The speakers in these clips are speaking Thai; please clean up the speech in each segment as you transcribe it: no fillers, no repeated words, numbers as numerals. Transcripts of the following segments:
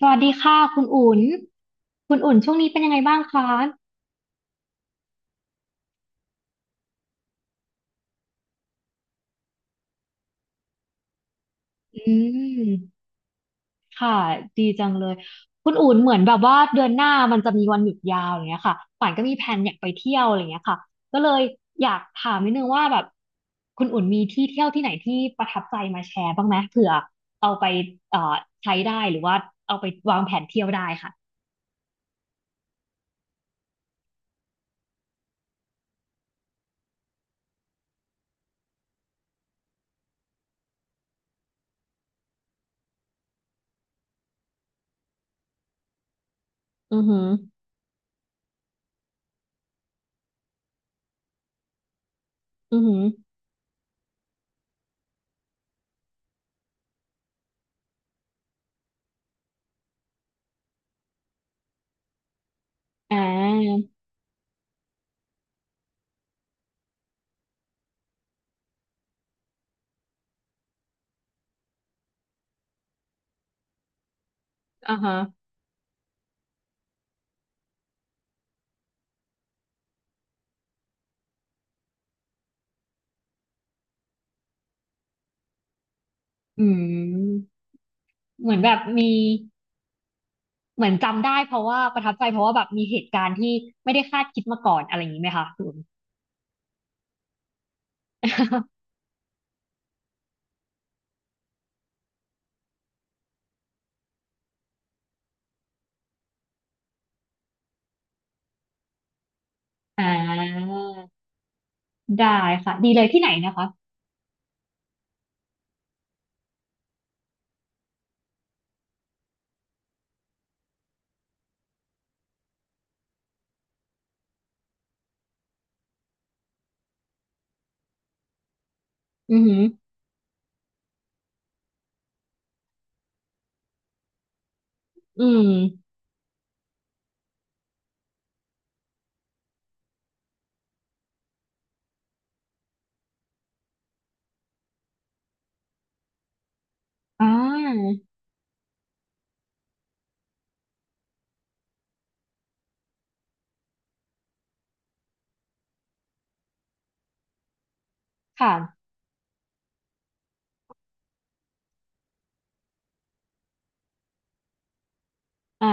สวัสดีค่ะคุณอุ่นคุณอุ่นช่วงนี้เป็นยังไงบ้างคะอืมค่ะดีจังเลยคุณอุ่นเหมือนแบบว่าเดือนหน้ามันจะมีวันหยุดยาวอย่างเงี้ยค่ะป่านก็มีแผนอยากไปเที่ยวอะไรอย่างเงี้ยค่ะก็เลยอยากถามนิดนึงว่าแบบคุณอุ่นมีที่เที่ยวที่ไหนที่ประทับใจมาแชร์บ้างไหมเผื่อเอาไปเอ่อใช้ได้หรือว่าเอาไปวางแผนเที่ยวได้ค่ะอือหืออือหืออ่าอ่าฮะอืมเหมือนแบบมี เหมือนจำได้เพราะว่าประทับใจเพราะว่าแบบมีเหตุการณ์ที่ไม่ได้คาดคิดมาก่อนอะไรอย่างนี้ไหมคะคุณ อ่าได้ค่ะดีเลยที่ไหนนะคะอือหืออืมอ่าค่ะอ่า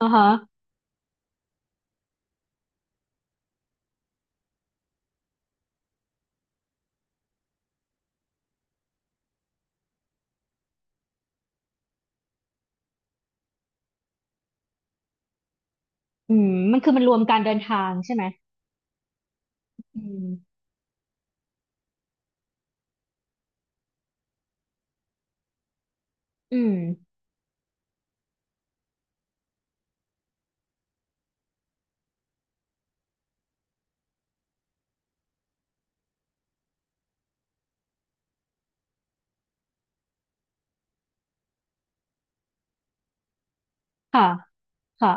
อ่าฮะอืมมันคือมันรวมการเดินทางใช่ไหมอืมอืมค่ะค่ะ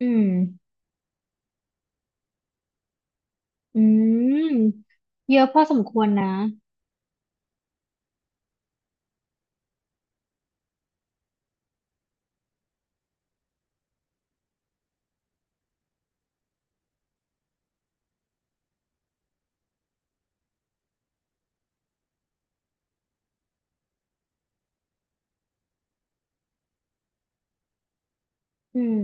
อืมอืมเยอะพอสมควรนะอืม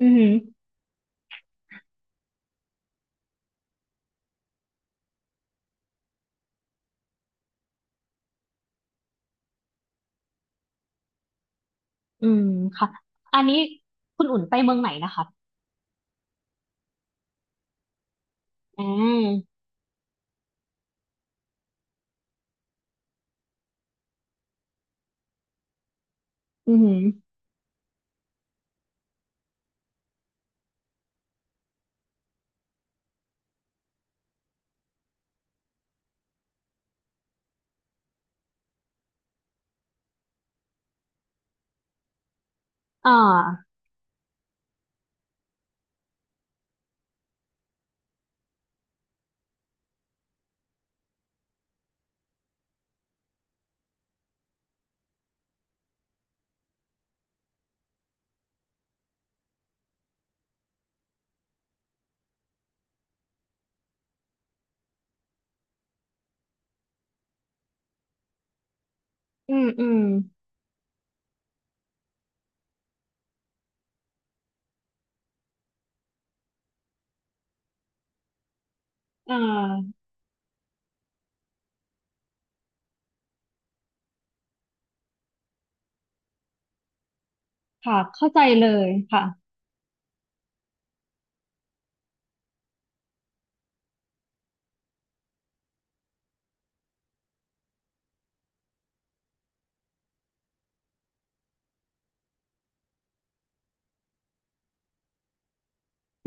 อือืออืมค่ะอันนี้คุณอุ่นไปเมืองไหนนะคะอ่าอืมอหืออ่า อืมอืมอ่าค่ะเข้าใจเลยค่ะ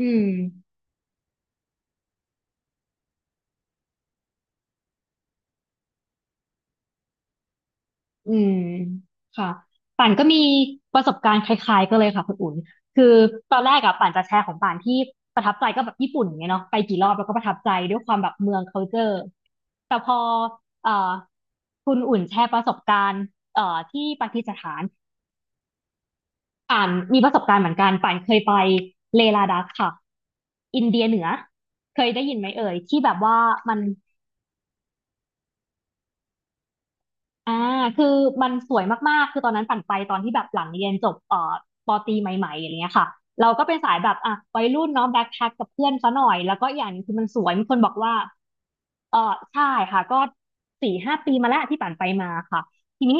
อืมอืมค่ะป่านก็มีประสบการณ์คล้ายๆก็เลยค่ะคุณอุ่นคือตอนแรกอะป่านจะแชร์ของป่านที่ประทับใจก็แบบญี่ปุ่นไงเนาะไปกี่รอบแล้วก็ประทับใจด้วยความแบบเมือง culture แต่พอเอ่อคุณอุ่นแชร์ประสบการณ์ที่ปากีสถานป่านมีประสบการณ์เหมือนกันป่านเคยไปเลลาดักค่ะอินเดียเหนือเคยได้ยินไหมเอ่ยที่แบบว่ามัน อ่าคือมันสวยมากๆคือตอนนั้นปั่นไปตอนที่แบบหลังเรียนจบปอตรีใหม่ๆอะไรเงี้ยค่ะเราก็เป็นสายแบบอ่ะวัยรุ่นเนาะแบ็คแพ็คกับเพื่อนซะหน่อยแล้วก็อีกอย่างหนึงคือมันสวยมีคนบอกว่า เออใช่ค่ะก็สี่ห้าปีมาแล้วที่ปั่นไปมาค่ะทีนี้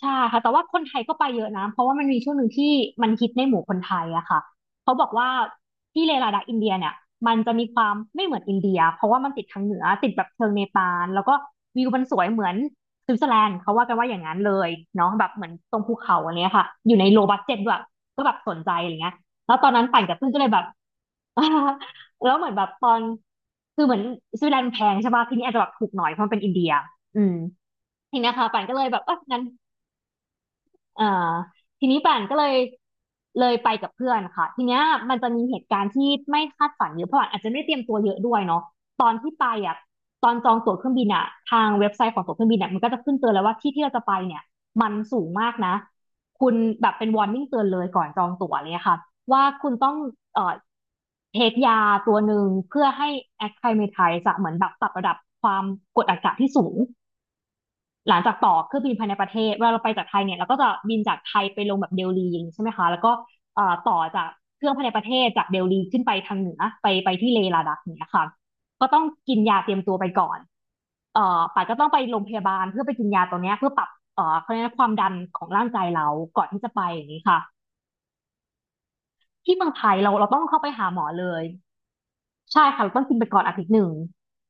ใช่ค่ะแต่ว่าคนไทยก็ไปเยอะนะเพราะว่ามันมีช่วงหนึ่งที่มันฮิตในหมู่คนไทยอะค่ะเขาบอกว่าที่เลลาดักอินเดียเนี่ยมันจะมีความไม่เหมือนอินเดียเพราะว่ามันติดทางเหนือติดแบบเชิงเนปาลแล้วก็วิวมันสวยเหมือนสวิตเซอร์แลนด์เขาว่ากันว่าอย่างนั้นเลยเนาะแบบเหมือนตรงภูเขาอันเนี้ยค่ะอยู่ในโลบัดเจ็ตด้วยก็แบบสนใจอะไรเงี้ยแล้วตอนนั้นปั่นกับเพื่อนก็เลยแบบ แล้วเหมือนแบบตอนคือเหมือนสวิตเซอร์แลนด์แพงใช่ป่ะที่นี่อาจจะแบบถูกหน่อยเพราะมันเป็นอินเดียอืมทีนี้ค่ะปันก็เลยแบบเอองั้น อ่าทีนี้ป่านก็เลยเลยไปกับเพื่อนค่ะทีเนี้ยมันจะมีเหตุการณ์ที่ไม่คาดฝันเยอะเพราะป่านอาจจะไม่ได้เตรียมตัวเยอะด้วยเนาะตอนที่ไปอ่ะตอนจองตั๋วเครื่องบินอ่ะทางเว็บไซต์ของตั๋วเครื่องบินอ่ะมันก็จะขึ้นเตือนแล้วว่าที่ที่เราจะไปเนี่ยมันสูงมากนะคุณแบบเป็น warning เตือนเลยก่อนจองตั๋วเลยค่ะว่าคุณต้องเอ่อเทคยาตัวหนึ่งเพื่อให้ acclimatize อะเหมือนแบบปรับระดับความกดอากาศที่สูง หลังจากต่อเครื่องบินภายในประเทศเวลาเราไปจากไทยเนี่ยเราก็จะบินจากไทยไปลงแบบเดลีอย่างนี้ใช่ไหมคะแล้วก็ต่อจากเครื่องภายในประเทศจากเดลลีขึ้นไปทางเหนือไปไปที่เลลาดักเนี่ยค่ะก็ต้องกินยาเตรียมตัวไปก่อนป่าก็ต้องไปโรงพยาบาลเพื่อไปกินยาตัวเนี้ยเพื่อปรับเขาเรียกว่าความดันของร่างกายเราก่อนที่จะไปอย่างนี้ค่ะที่เมืองไทยเราเราต้องเข้าไปหาหมอเลย ใช่ค่ะเราต้องกินไปก่อนอาทิตย์หนึ่ง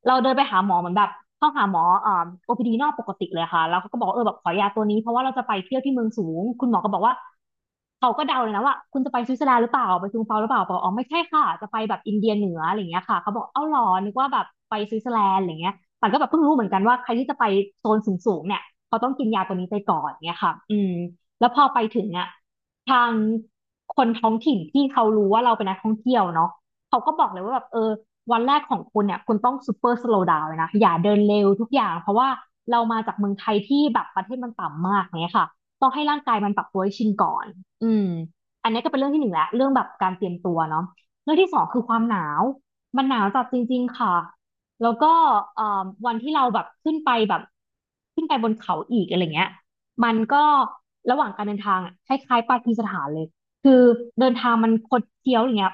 เราเดินไปหาหมอเหมือนแบบเข้าหาหมอOPD นอกปกติเลยค่ะแล้วเขาก็บอกว่าเออแบบขอยาตัวนี้เพราะว่าเราจะไปเที่ยวที่เมืองสูงคุณหมอก็บอกว่าเขาก็เดาเลยนะว่าคุณจะไปสวิตเซอร์แลนด์หรือเปล่าไปซูงเปาหรือเปล่าบอกอ๋อไม่ใช่ค่ะจะไปแบบอินเดียเหนืออะไรอย่างเงี้ยค่ะเขาบอกเอ้าหรอนึกว่าแบบไปสวิตเซอร์แลนด์อะไรเงี้ยแต่ก็แบบเพิ่งรู้เหมือนกันว่าใครที่จะไปโซนสูงๆเนี่ยเขาต้องกินยาตัวนี้ไปก่อนเนี่ยค่ะอืมแล้วพอไปถึงอ่ะทางคนท้องถิ่นที่เขารู้ว่าเราเป็นนักท่องเที่ยวเนาะ เขาก็บอกเลยว่าแบบเออวันแรกของคุณเนี่ยคุณต้องซูเปอร์สโลว์ดาวเลยนะอย่าเดินเร็วทุกอย่างเพราะว่าเรามาจากเมืองไทยที่แบบประเทศมันต่ำมากเนี่ยค่ะต้องให้ร่างกายมันปรับตัวให้ชินก่อนอืมอันนี้ก็เป็นเรื่องที่หนึ่งแล้วเรื่องแบบการเตรียมตัวเนาะเรื่องที่สองคือความหนาวมันหนาวจัดจริงๆค่ะแล้วก็วันที่เราแบบขึ้นไปแบบขึ้นไปบนเขาอีกอะไรเงี้ยมันก็ระหว่างการเดินทางอะคล้ายๆปากีสถานเลยคือเดินทางมันคดเคี้ยวอย่างเงี้ย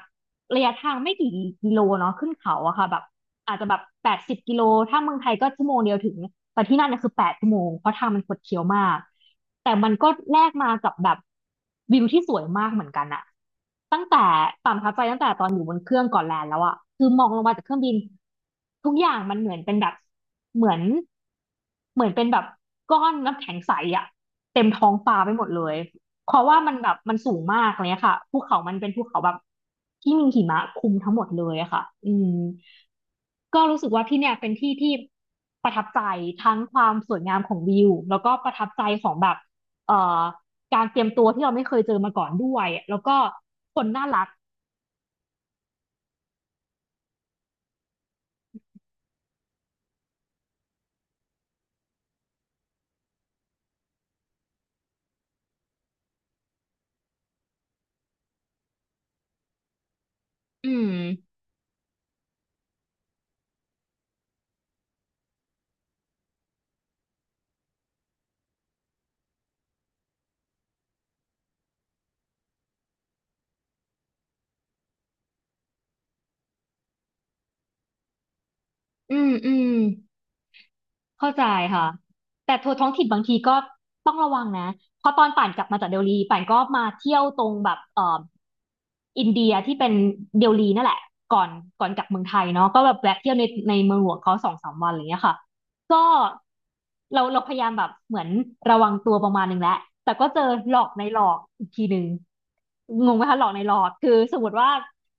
ระยะทางไม่กี่กิโลเนาะขึ้นเขาอะค่ะแบบอาจจะแบบ80 กิโลถ้าเมืองไทยก็ชั่วโมงเดียวถึงแต่ที่นั่นเนี่ยคือแปดชั่วโมงเพราะทางมันคดเคี้ยวมากแต่มันก็แลกมากับแบบวิวที่สวยมากเหมือนกันอะตั้งแต่ความประทับใจตั้งแต่ตอนอยู่บนเครื่องก่อนแลนด์แล้วอะคือมองลงมาจากเครื่องบินทุกอย่างมันเหมือนเป็นแบบเหมือนเหมือนเป็นแบบก้อนน้ำแข็งใสอะเต็มท้องฟ้าไปหมดเลย เพราะว่ามันแบบมันสูงมากอะไรเลยค่ะภูเขามันเป็นภูเขาแบบที่มีหิมะคลุมทั้งหมดเลยอะค่ะอืมก็รู้สึกว่าที่เนี่ยเป็นที่ที่ประทับใจทั้งความสวยงามของวิวแล้วก็ประทับใจของแบบเอ่อการเตรียมตัวที่เราไม่เคยเจอมาก่อนด้วยแล้วก็คนน่ารักอืมอืมอืม เข้าใจค่ะแต่ทัวร์ท้องถิ่นบางทีก็ต้องระวังนะเพราะตอนป่านกลับมาจากเดลีป่านก็มาเที่ยวตรงแบบอินเดียที่เป็นเดลีนั่นแหละก่อนก่อนกลับเมืองไทยเนาะก็แบบแวะเที่ยวในในเมืองหลวงเขาสองสามวันอะไรเงี้ยค่ะก็เราพยายามแบบเหมือนระวังตัวประมาณหนึงแล้วแต่ก็เจอหลอกในหลอกอีกทีหนึ่งงงไหมคะหลอกในหลอกคือสมมติว่า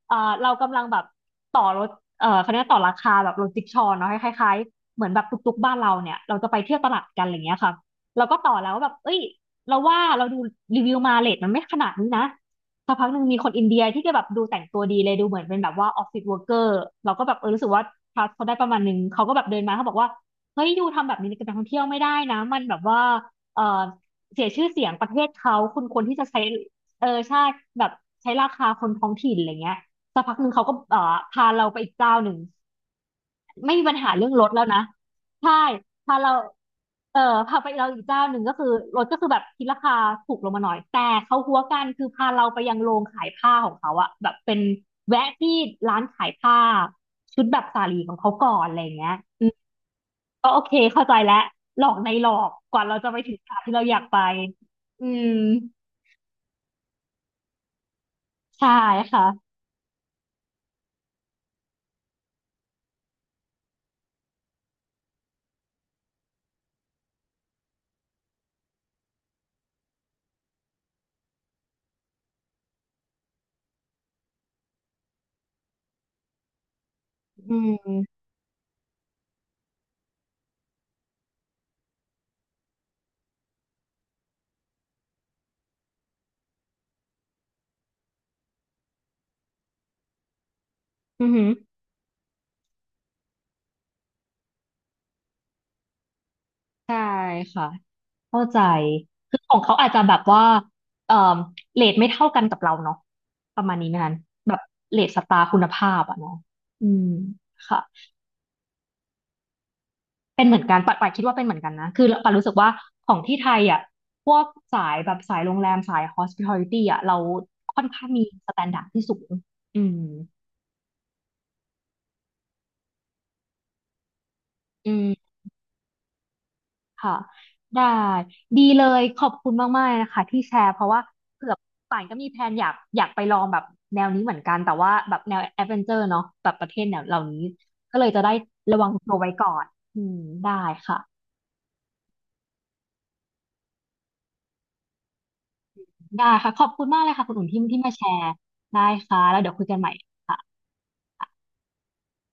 เอ่อเรากำลังแบบต่อรถเขาเรียกว่าต่อราคาแบบรถจิ๊กชอว์เนาะคล้าย เหมือนแบบตุกๆบ้านเราเนี่ยเราจะไปเที่ยวตลาดกันอะไรเงี้ยค่ะเราก็ต่อแล้วว่าแบบเอ้ยเราว่าเราดูรีวิวมาเรทมันไม่ขนาดนี้นะสักพักหนึ่งมีคนอินเดียที่ก็แบบดูแต่งตัวดีเลยดูเหมือนเป็นแบบว่าออฟฟิศเวิร์กเกอร์เราก็แบบเออรู้สึกว่าทรัสเขาได้ประมาณนึงเขาก็แบบเดินมาเขาบอกว่าเฮ้ยยูทำแบบนี้กับนักท่องเที่ยวไม่ได้นะมันแบบว่าเออเสียชื่อเสียงประเทศเขาคุณควรที่จะใช้เออใช่แบบใช้ราคาคนท้องถิ่นอะไรเงี้ยสักพักหนึ่งเขาก็เออพาเราไปอีกเจ้าหนึ่ง ไม่มีปัญหาเรื่องรถแล้วนะใช่พาเราเออพาไปเราอีกเจ้าหนึ่งก็คือรถก็คือแบบคิดราคาถูกลงมาหน่อยแต่เขาหัวกันคือพาเราไปยังโรงขายผ้าของเขาอะแบบเป็นแวะที่ร้านขายผ้าชุดแบบสาลีของเขาก่อนอะไรอย่างเงี้ยอืมก็โอเคเข้าใจแล้วหลอกในหลอกกว่าเราจะไปถึงสถานที่เราอยากไปอืมใช่ค่ะอืมอือหือใช่ค่ะ เข้าใจ คือของเขาอาจจะแบบว่าเอ่อเรทไม่เท่ากันกับเราเนาะประมาณนี้ไหมคะแบบเรทสตาร์คุณภาพอะเนาะอืม ค่ะ เป็นเหมือนกันปัดคิดว่าเป็นเหมือนกันนะ คือปัดรู้สึกว่าของที่ไทยอ่ะ พวกสายแบบสายโรงแรมสาย hospitality อ่ะ เราค่อนข้างมีสแตนดาร์ดที่สูงอืมอืม ค่ะได้ดีเลยขอบคุณมากๆเลยนะคะที่แชร์เพราะว่าเผื่อป่านก็มีแพลนอยากอยากไปลองแบบแนวนี้เหมือนกันแต่ว่าแบบแนวแอดเวนเจอร์เนาะแบบประเทศแนวเหล่านี้ก็เลยจะได้ระวังตัวไว้ก่อนอืมได้ค่ะได้ค่ะขอบคุณมากเลยค่ะคุณอุ่นที่มาแชร์ได้ค่ะแล้วเดี๋ยวคุยกันใหม่